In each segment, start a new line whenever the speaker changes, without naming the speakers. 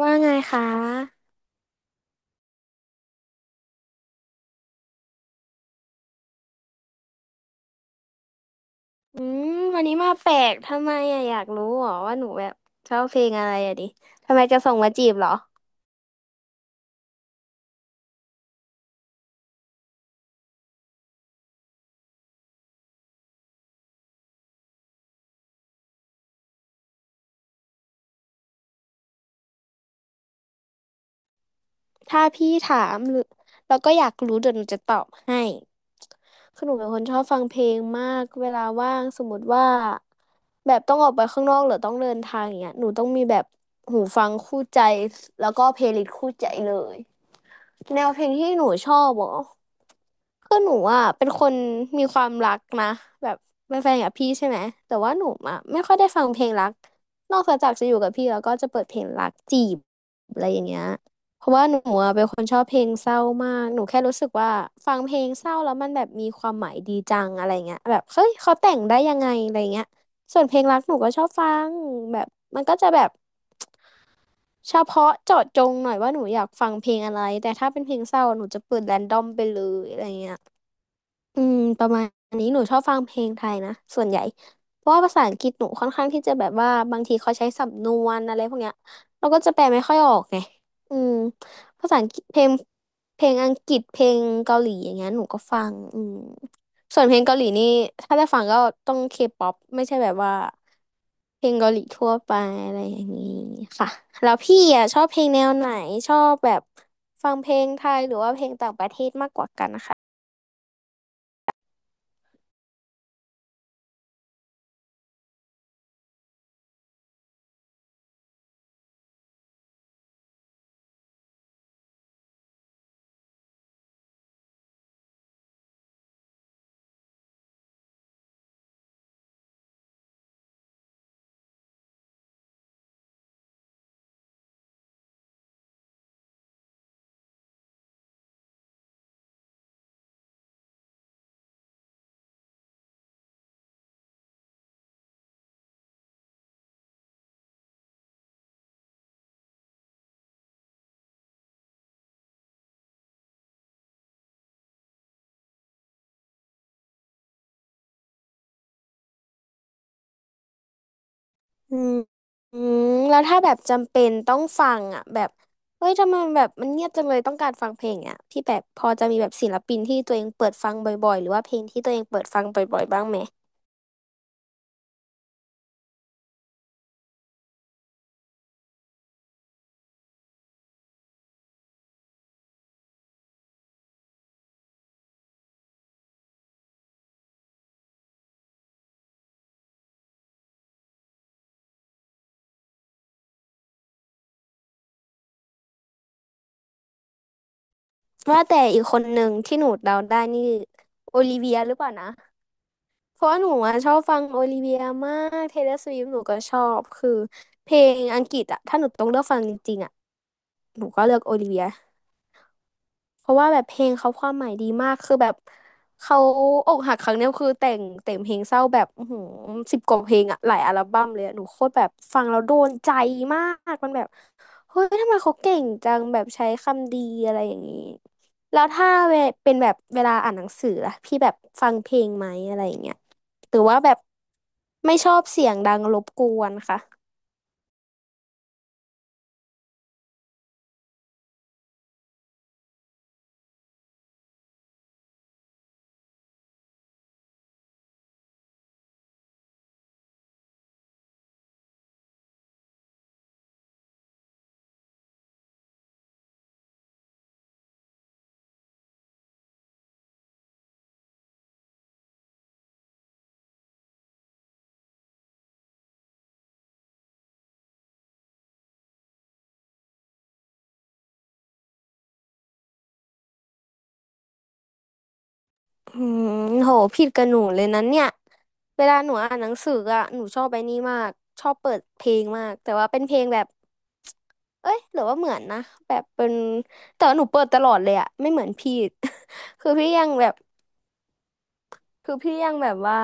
ว่าไงคะอืมวันนี้มาแปลกทำไมอะอยากรู้เหรอว่าหนูแบบชอบเพลงอะไรอะดิทำไมจะส่งมาจีบเหรอถ้าพี่ถามหรือแล้วก็อยากรู้เดี๋ยวหนูจะตอบให้คือหนูเป็นคนชอบฟังเพลงมากเวลาว่างสมมติว่าแบบต้องออกไปข้างนอกหรือต้องเดินทางอย่างเงี้ยหนูต้องมีแบบหูฟังคู่ใจแล้วก็เพลย์ลิสต์คู่ใจเลย แนวเพลงที่หนูชอบเหรอคือหนูอ่ะเป็นคนมีความรักนะแบบเป็นแฟนกับพี่ใช่ไหมแต่ว่าหนูอ่ะไม่ค่อยได้ฟังเพลงรักนอกจากจะอยู่กับพี่แล้วก็จะเปิดเพลงรักจีบอะไรอย่างเงี้ยเพราะว่าหนูอะเป็นคนชอบเพลงเศร้ามากหนูแค่รู้สึกว่าฟังเพลงเศร้าแล้วมันแบบมีความหมายดีจังอะไรเงี้ยแบบเฮ้ยเขาแต่งได้ยังไงอะไรเงี้ยส่วนเพลงรักหนูก็ชอบฟังแบบมันก็จะแบบ เฉพาะเจาะจงหน่อยว่าหนูอยากฟังเพลงอะไรแต่ถ้าเป็นเพลงเศร้าหนูจะเปิดแรนดอมไปเลยอะไรเงี้ยประมาณนี้หนูชอบฟังเพลงไทยนะส่วนใหญ่เพราะว่าภาษาอังกฤษหนูค่อนข้างที่จะแบบว่าบางทีเขาใช้สำนวนอะไรพวกเนี้ยเราก็จะแปลไม่ค่อยออกไงอืมภาษาอังกฤษเพลงเพลงอังกฤษเพลงเกาหลีอย่างเงี้ยหนูก็ฟังส่วนเพลงเกาหลีนี่ถ้าได้ฟังก็ต้องเคป๊อปไม่ใช่แบบว่า เพลงเกาหลีทั่วไปอะไรอย่างนี้ค่ะแล้วพี่อ่ะชอบเพลงแนวไหนชอบแบบฟังเพลงไทยหรือว่าอืมอืมแล้วถ้าแบบจำเป็นต้องฟังอ่ะแบบเฮ้ยทำไมแบบมันเงียบจังเลยต้องการฟังเพลงอ่ะพี่แบบพอจะมีแบบศิลปินที่ตัวเองเปิดฟังบ่อยๆหรือว่าเพลงที่ตัวเองเปิดฟังบ่อยๆบ้างไหมว่าแต่อีกคนหนึ่งที่หนูเดาได้นี่โอลิเวียหรือเปล่านะ เพราะว่าหนูอะชอบฟังโอลิเวียมากเทเลอร์สวิฟหนูก็ชอบคือเพลงอังกฤษอะถ้าหนูต้องเลือกฟังจริงๆอะหนูก็เลือกโอลิเวีย เพราะว่าแบบเพลงเขาความหมายดีมากคือแบบเขาอกหักครั้งเนี้ยคือแต่งเพลงเศร้าแบบอื้อหือสิบกว่าเพลงอะหลายอัลบั้มเลยอะหนูโคตรแบบฟังแล้วโดนใจมากมันแบบเฮ้ยทำไมเขาเก่งจังแบบใช้คำดีอะไรอย่างนี้แล้วถ้าเวเป็นแบบเวลาอ่านหนังสือล่ะพี่แบบฟังเพลงไหมอะไรอย่างเงี้ยหรือว่าแบบไม่ชอบเสียงดังรบกวนค่ะอืมโหผิดกับหนูเลยนะเนี่ย เวลาหนูอ่านหนังสืออ่ะหนูชอบไปนี่มากชอบเปิดเพลงมากแต่ว่าเป็นเพลงแบบเอ้ยหรือว่าเหมือนนะแบบเป็นแต่ว่าหนูเปิดตลอดเลยอ่ะไม่เหมือนพี่ คือพี่ยังแบบ คือพี่ยังแบบว่า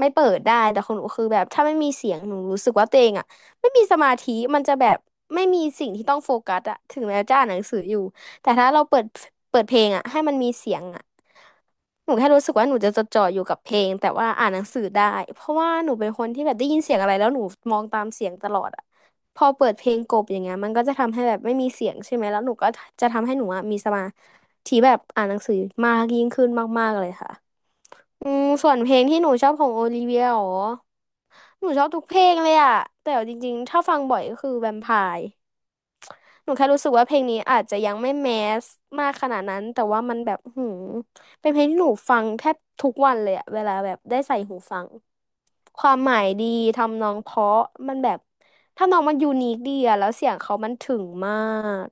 ไม่เปิดได้แต่ของหนูคือแบบถ้าไม่มีเสียงหนูรู้สึกว่าตัวเองอะไม่มีสมาธิมันจะแบบไม่มีสิ่งที่ต้องโฟกัสอะถึงแม้จะอ่านหนังสืออยู่แต่ถ้าเราเปิดเพลงอะให้มันมีเสียงอะหนูแค่รู้สึกว่าหนูจะจดจ่ออยู่กับเพลงแต่ว่าอ่านหนังสือได้เพราะว่าหนูเป็นคนที่แบบได้ยินเสียงอะไรแล้วหนูมองตามเสียงตลอดอะพอเปิดเพลงกลบอย่างเงี้ยมันก็จะทำให้แบบไม่มีเสียงใช่ไหมแล้วหนูก็จะทำให้หนูอะมีสมาธิแบบอ่านหนังสือมากยิ่งขึ้นมากๆเลยค่ะ ส่วนเพลงที่หนูชอบของโอลิเวียเหรอหนูชอบทุกเพลงเลยอะแต่เอาจริงๆถ้าฟังบ่อยก็คือแวมไพร์หนูแค่รู้สึกว่าเพลงนี้อาจจะยังไม่แมสมากขนาดนั้นแต่ว่ามันแบบหืมเป็นเพลงที่หนูฟังแทบทุกวันเลยอะเวลาแบบได้ใส่หูฟังความหมายดีทำนองเพราะมันแบบทำนองมันยูนิคดีอะแล้วเสียงเขามันถึงมาก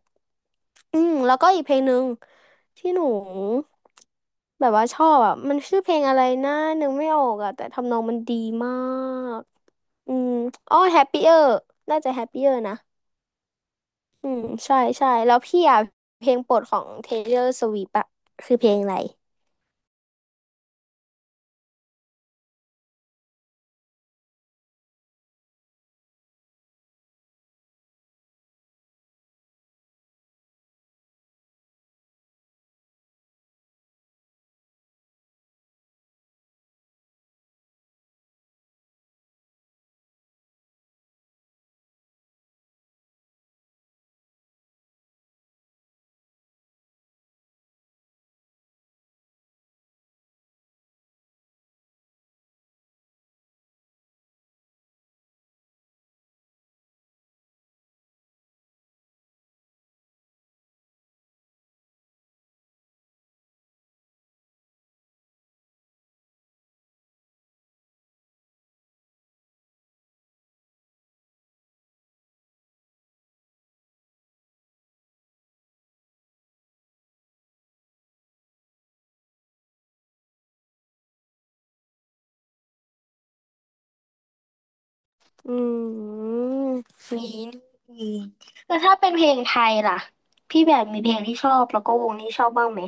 แล้วก็อีกเพลงหนึ่งที่หนูแบบว่าชอบอ่ะมันชื่อเพลงอะไรนะนึกไม่ออกอ่ะแต่ทำนองมันดีมากอืมอ๋อ Happier น่าจะ Happier นะอืมใช่ใช่แล้วพี่อ่ะเพลงโปรดของ Taylor Swift อ่ะคือเพลงอะไรอืมมีนี่แล้วถ้าเป็นเพลงไทยล่ะพี่แบบมีเพลงที่ชอบแล้วก็วงที่ชอบบ้างไหม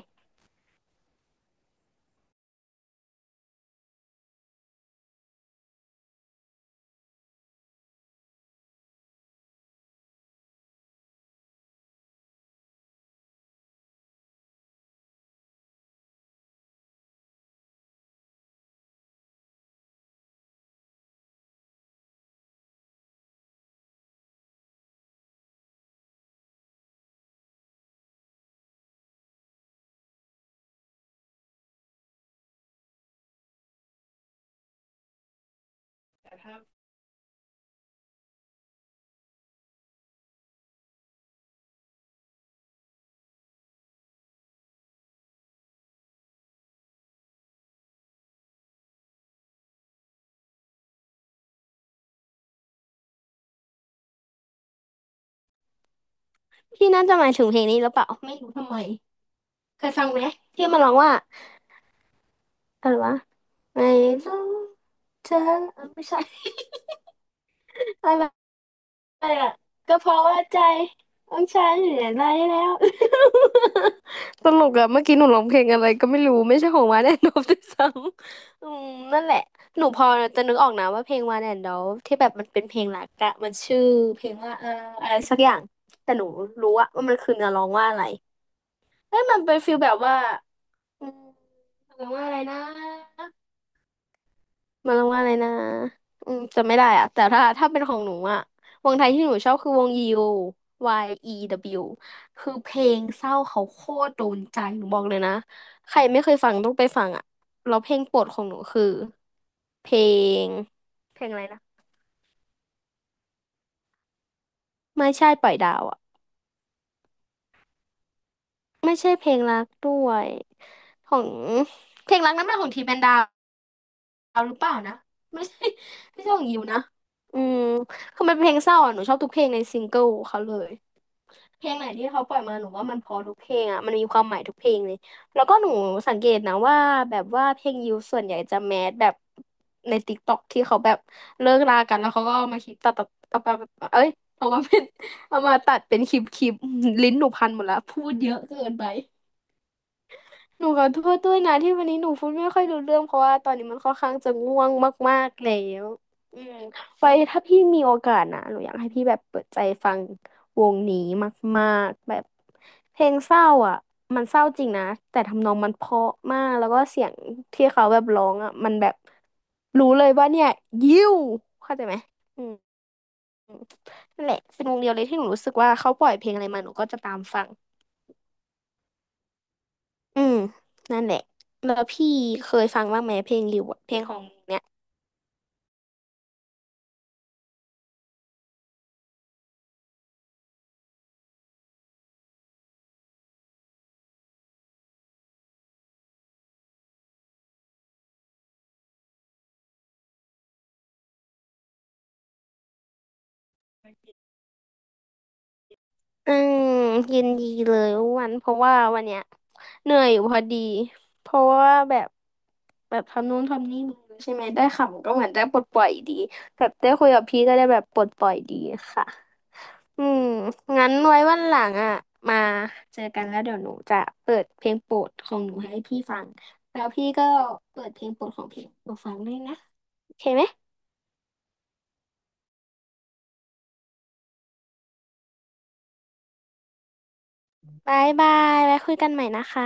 พี่น่าจะหมายถึงเพลงนี้หรือเปล่าไม่รู้ทำไมเคยฟังไหมที่มันร้องว่า อะไรวะไม่รู้เธอไม่ใช่ อะไรอะก็เพราะว่าใจของฉันเหลืออะไรแล้ว ตลก อะเมื่อกี้หนูร้องเพลงอะไรก็ไม่รู้ไม่ใช่ของวานแอนดอลด้วยซ้ำ อืมนั่นแหละหนูพอจะนึกออกนะว่าเพลงวานแอนดอลที่แบบมันเป็นเพลงหลักอะมันชื่อเพลงว่าอะไรสักอย่างแต่หนูรู้อะว่ามันคือเนื้อร้องว่าอะไรเอ้ยมันเป็นฟีลแบบว่าอืมร้องว่าอะไรนะ มันว่าอะไรนะอืมจำไม่ได้อะแต่ถ้าเป็นของหนูอะวงไทยที่หนูชอบคือวงยิว YEW คือเพลงเศร้าเขาโคตรโดนใจหนูบอกเลยนะใครไม่เคยฟังต้องไปฟังอะแล้วเพลงโปรดของหนูคือเพลงเพลงอะไรนะไม่ใช่ปล่อยดาวอะไม่ใช่เพลงรักด้วยของเพลงรักนั้นเป็นของทีแมนดาวหรือเปล่านะไม่ใช่ไม่ใช่ของยิวนะอืมคือมันเป็นเพลงเศร้าอ่ะหนูชอบทุกเพลงในซิงเกิลเขาเลย เพลงไหนที่เขาปล่อยมาหนูว่ามันเพอทุกเพลงอ่ะมันมีความหมายทุกเพลงเลยแล้วก็หนูสังเกตนะว่าแบบว่าเพลงยิวส่วนใหญ่จะแมสแบบในติ๊กต็อกที่เขาแบบเลิกรากันแล้วเขาก็เอามาคลิปตัดตัดเอามาเอ้ยเอามาเป็นเอามาตัดเป็นคลิปลิ้นหนูพันหมดแล้วพูดเยอะเกินไป หนูขอโทษด้วยนะที่วันนี้หนูพูดไม่ค่อยรู้เรื่องเพราะว่าตอนนี้มันค่อนข้างจะง่วงมากๆแล้วอืมไว้ถ้าพี่มีโอกาสนะหนูอยากให้พี่แบบเปิดใจฟังวงนี้มากๆแบบเพลงเศร้าอ่ะมันเศร้าจริงนะแต่ทำนองมันเพราะมากแล้วก็เสียงที่เขาแบบร้องอ่ะมันแบบรู้เลยว่าเนี่ยยิ้วเข้าใจไหมอืมนั่นแหละเป็นวงเดียวเลยที่หนูรู้สึกว่าเขาปล่อยเพลงอะไรมาหนูก็จะตามฟัง อืมนั่นแหละแล้วพี่เคยฟังบ้างไหมเพลงริวอะเพลงของเนี่ยอืมยินดีเลยอ้วันเพราะว่าวันเนี้ยเหนื่อยอยู่พอดีเพราะว่าแบบทำนู่นทำนี่มาใช่ไหมได้ขำก็เหมือนได้ปลดปล่อยดีแบบได้คุยกับพี่ก็ได้แบบปลดปล่อยดีค่ะอืมงั้นไว้วันหลังอ่ะมาเจอกันแล้วเดี๋ยวหนูจะเปิดเพลงโปรดของหนูให้พี่ฟังแล้วพี่ก็เปิดเพลงโปรดของพี่หนูฟังด้วยนะโอเคไหม บายบายไว้คุยกันใหม่นะคะ